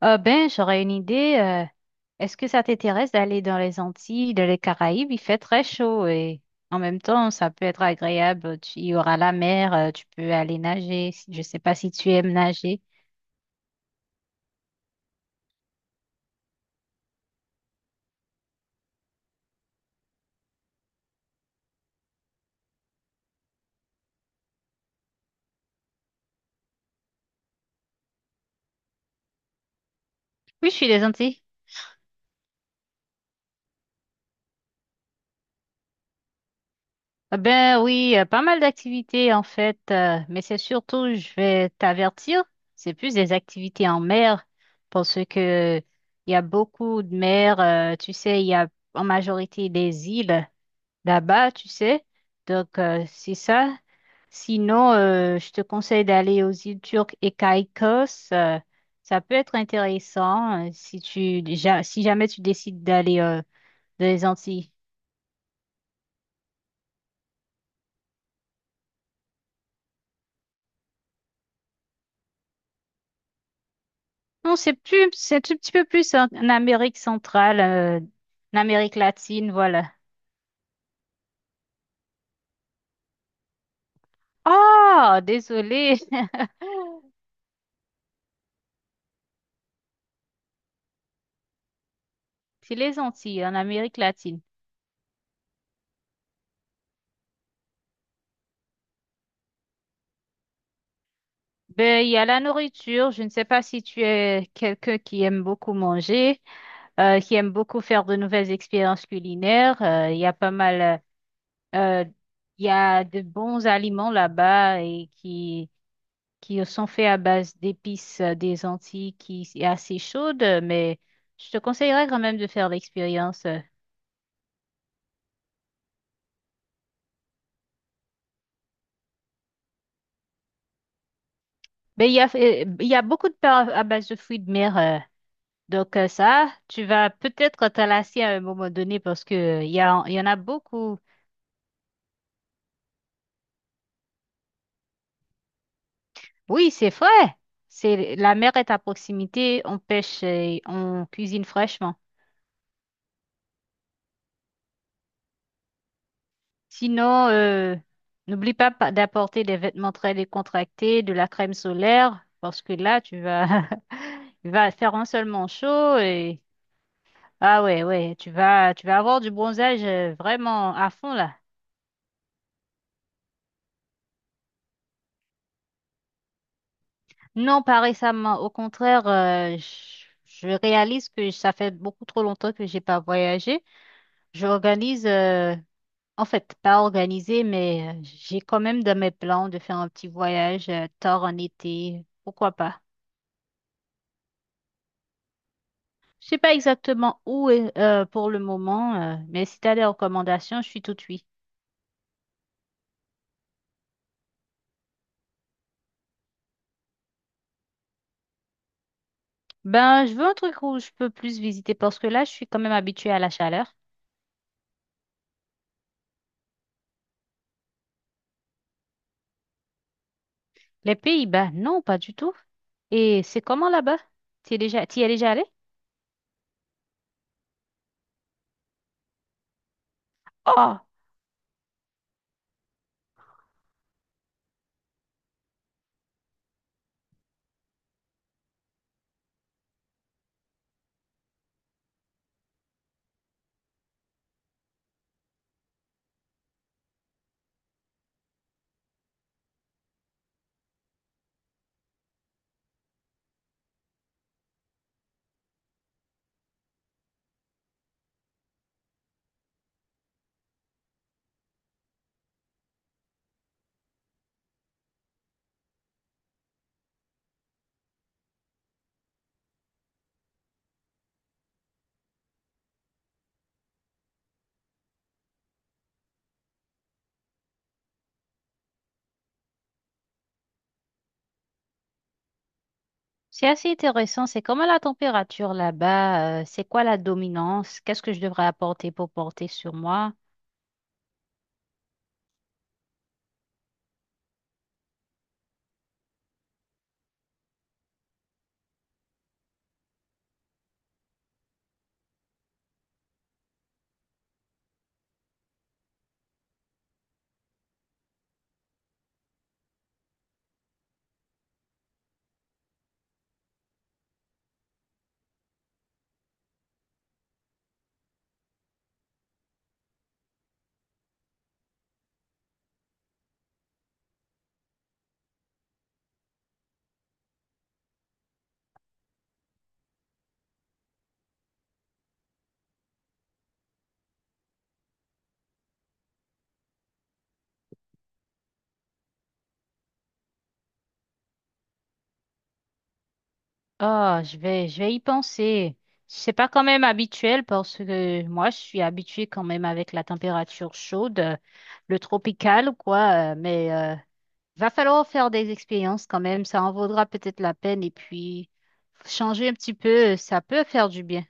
Ah ben, j'aurais une idée. Est-ce que ça t'intéresse d'aller dans les Antilles, dans les Caraïbes? Il fait très chaud et en même temps, ça peut être agréable. Il y aura la mer, tu peux aller nager. Je sais pas si tu aimes nager. Oui, je suis des Antilles. Ah ben oui, pas mal d'activités en fait, mais c'est surtout, je vais t'avertir, c'est plus des activités en mer parce que il y a beaucoup de mer. Tu sais, il y a en majorité des îles là-bas, tu sais. Donc, c'est ça. Sinon, je te conseille d'aller aux îles Turques et Caïcos. Ça peut être intéressant si tu déjà, si jamais tu décides d'aller dans les Antilles. Non, c'est plus, c'est un tout petit peu plus en, en Amérique centrale, en Amérique latine, voilà. Oh, désolé, c'est les Antilles, en Amérique latine. Ben, il y a la nourriture. Je ne sais pas si tu es quelqu'un qui aime beaucoup manger, qui aiment beaucoup faire de nouvelles expériences culinaires. Il y a pas mal, euh, euh, il y a de bons aliments là-bas et qui sont faits à base d'épices des Antilles qui est assez chaude, mais je te conseillerais quand même de faire l'expérience. Mais il y a beaucoup de plats à base de fruits de mer. Donc ça, tu vas peut-être te lasser à un moment donné parce que il y a, il y en a beaucoup. Oui, c'est vrai. C'est, la mer est à proximité, on pêche et on cuisine fraîchement. Sinon, n'oublie pas d'apporter des vêtements très décontractés, de la crème solaire, parce que là, tu vas, tu vas faire un seulement chaud et ah ouais, ouais, tu vas avoir du bronzage vraiment à fond là. Non, pas récemment. Au contraire, je réalise que ça fait beaucoup trop longtemps que j'ai pas voyagé. J'organise. En fait, pas organisé, mais j'ai quand même dans mes plans de faire un petit voyage tard en été. Pourquoi pas? Je sais pas exactement où est, pour le moment, mais si tu as des recommandations, je suis tout oui. Ben, je veux un truc où je peux plus visiter parce que là, je suis quand même habituée à la chaleur. Les Pays-Bas, non, pas du tout. Et c'est comment là-bas? Tu es déjà, t'y es déjà allé? Oh, c'est assez intéressant. C'est comment la température là-bas? C'est quoi la dominance? Qu'est-ce que je devrais apporter pour porter sur moi? Oh, je vais y penser. C'est pas quand même habituel parce que moi, je suis habituée quand même avec la température chaude, le tropical, quoi. Mais va falloir faire des expériences quand même. Ça en vaudra peut-être la peine. Et puis, changer un petit peu, ça peut faire du bien.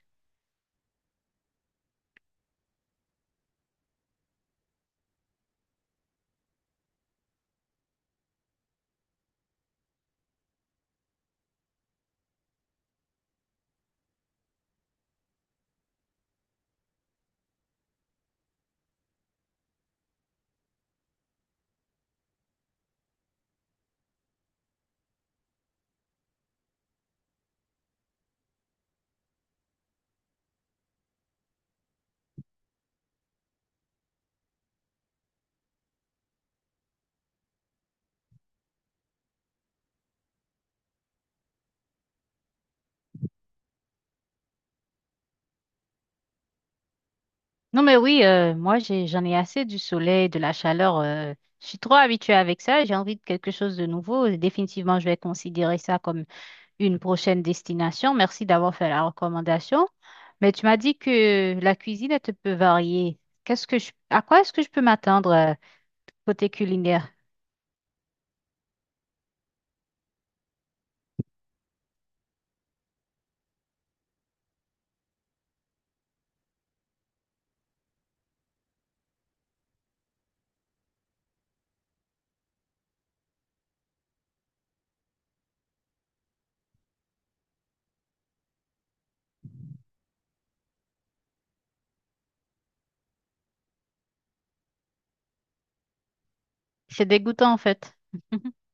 Non, mais oui, moi, j'ai, j'en ai assez du soleil, de la chaleur. Je suis trop habituée avec ça. J'ai envie de quelque chose de nouveau. Définitivement, je vais considérer ça comme une prochaine destination. Merci d'avoir fait la recommandation. Mais tu m'as dit que la cuisine, elle te peut varier. Qu'est-ce que je, à quoi est-ce que je peux m'attendre côté culinaire? C'est dégoûtant en fait.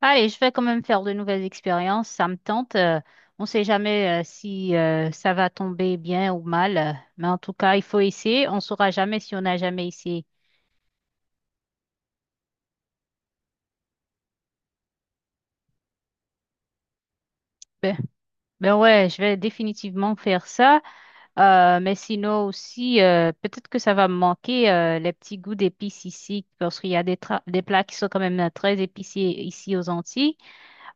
Allez, je vais quand même faire de nouvelles expériences. Ça me tente. On ne sait jamais si ça va tomber bien ou mal. Mais en tout cas, il faut essayer. On ne saura jamais si on n'a jamais essayé. Ben ouais, je vais définitivement faire ça. Mais sinon aussi, peut-être que ça va me manquer les petits goûts d'épices ici, parce qu'il y a des, des plats qui sont quand même très épicés ici aux Antilles.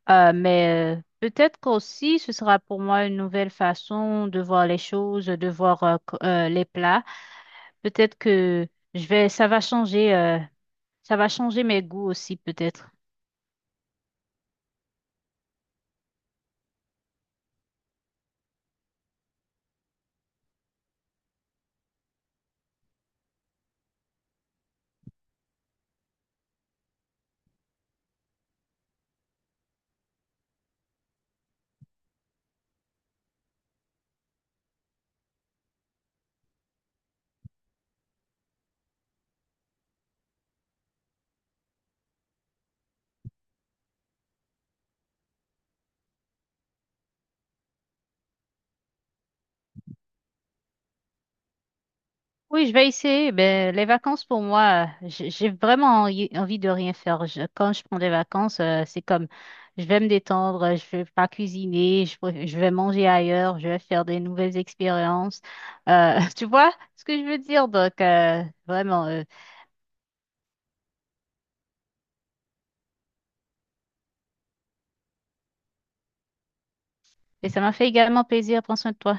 Mais peut-être qu'aussi, ce sera pour moi une nouvelle façon de voir les choses, de voir les plats. Peut-être que je vais, ça va changer mes goûts aussi, peut-être. Oui, je vais essayer. Ben, les vacances pour moi, j'ai vraiment envie de rien faire. Quand je prends des vacances, c'est comme je vais me détendre, je vais pas cuisiner, je vais manger ailleurs, je vais faire des nouvelles expériences. Tu vois ce que je veux dire? Donc, vraiment, et ça m'a fait également plaisir. Prends soin de toi.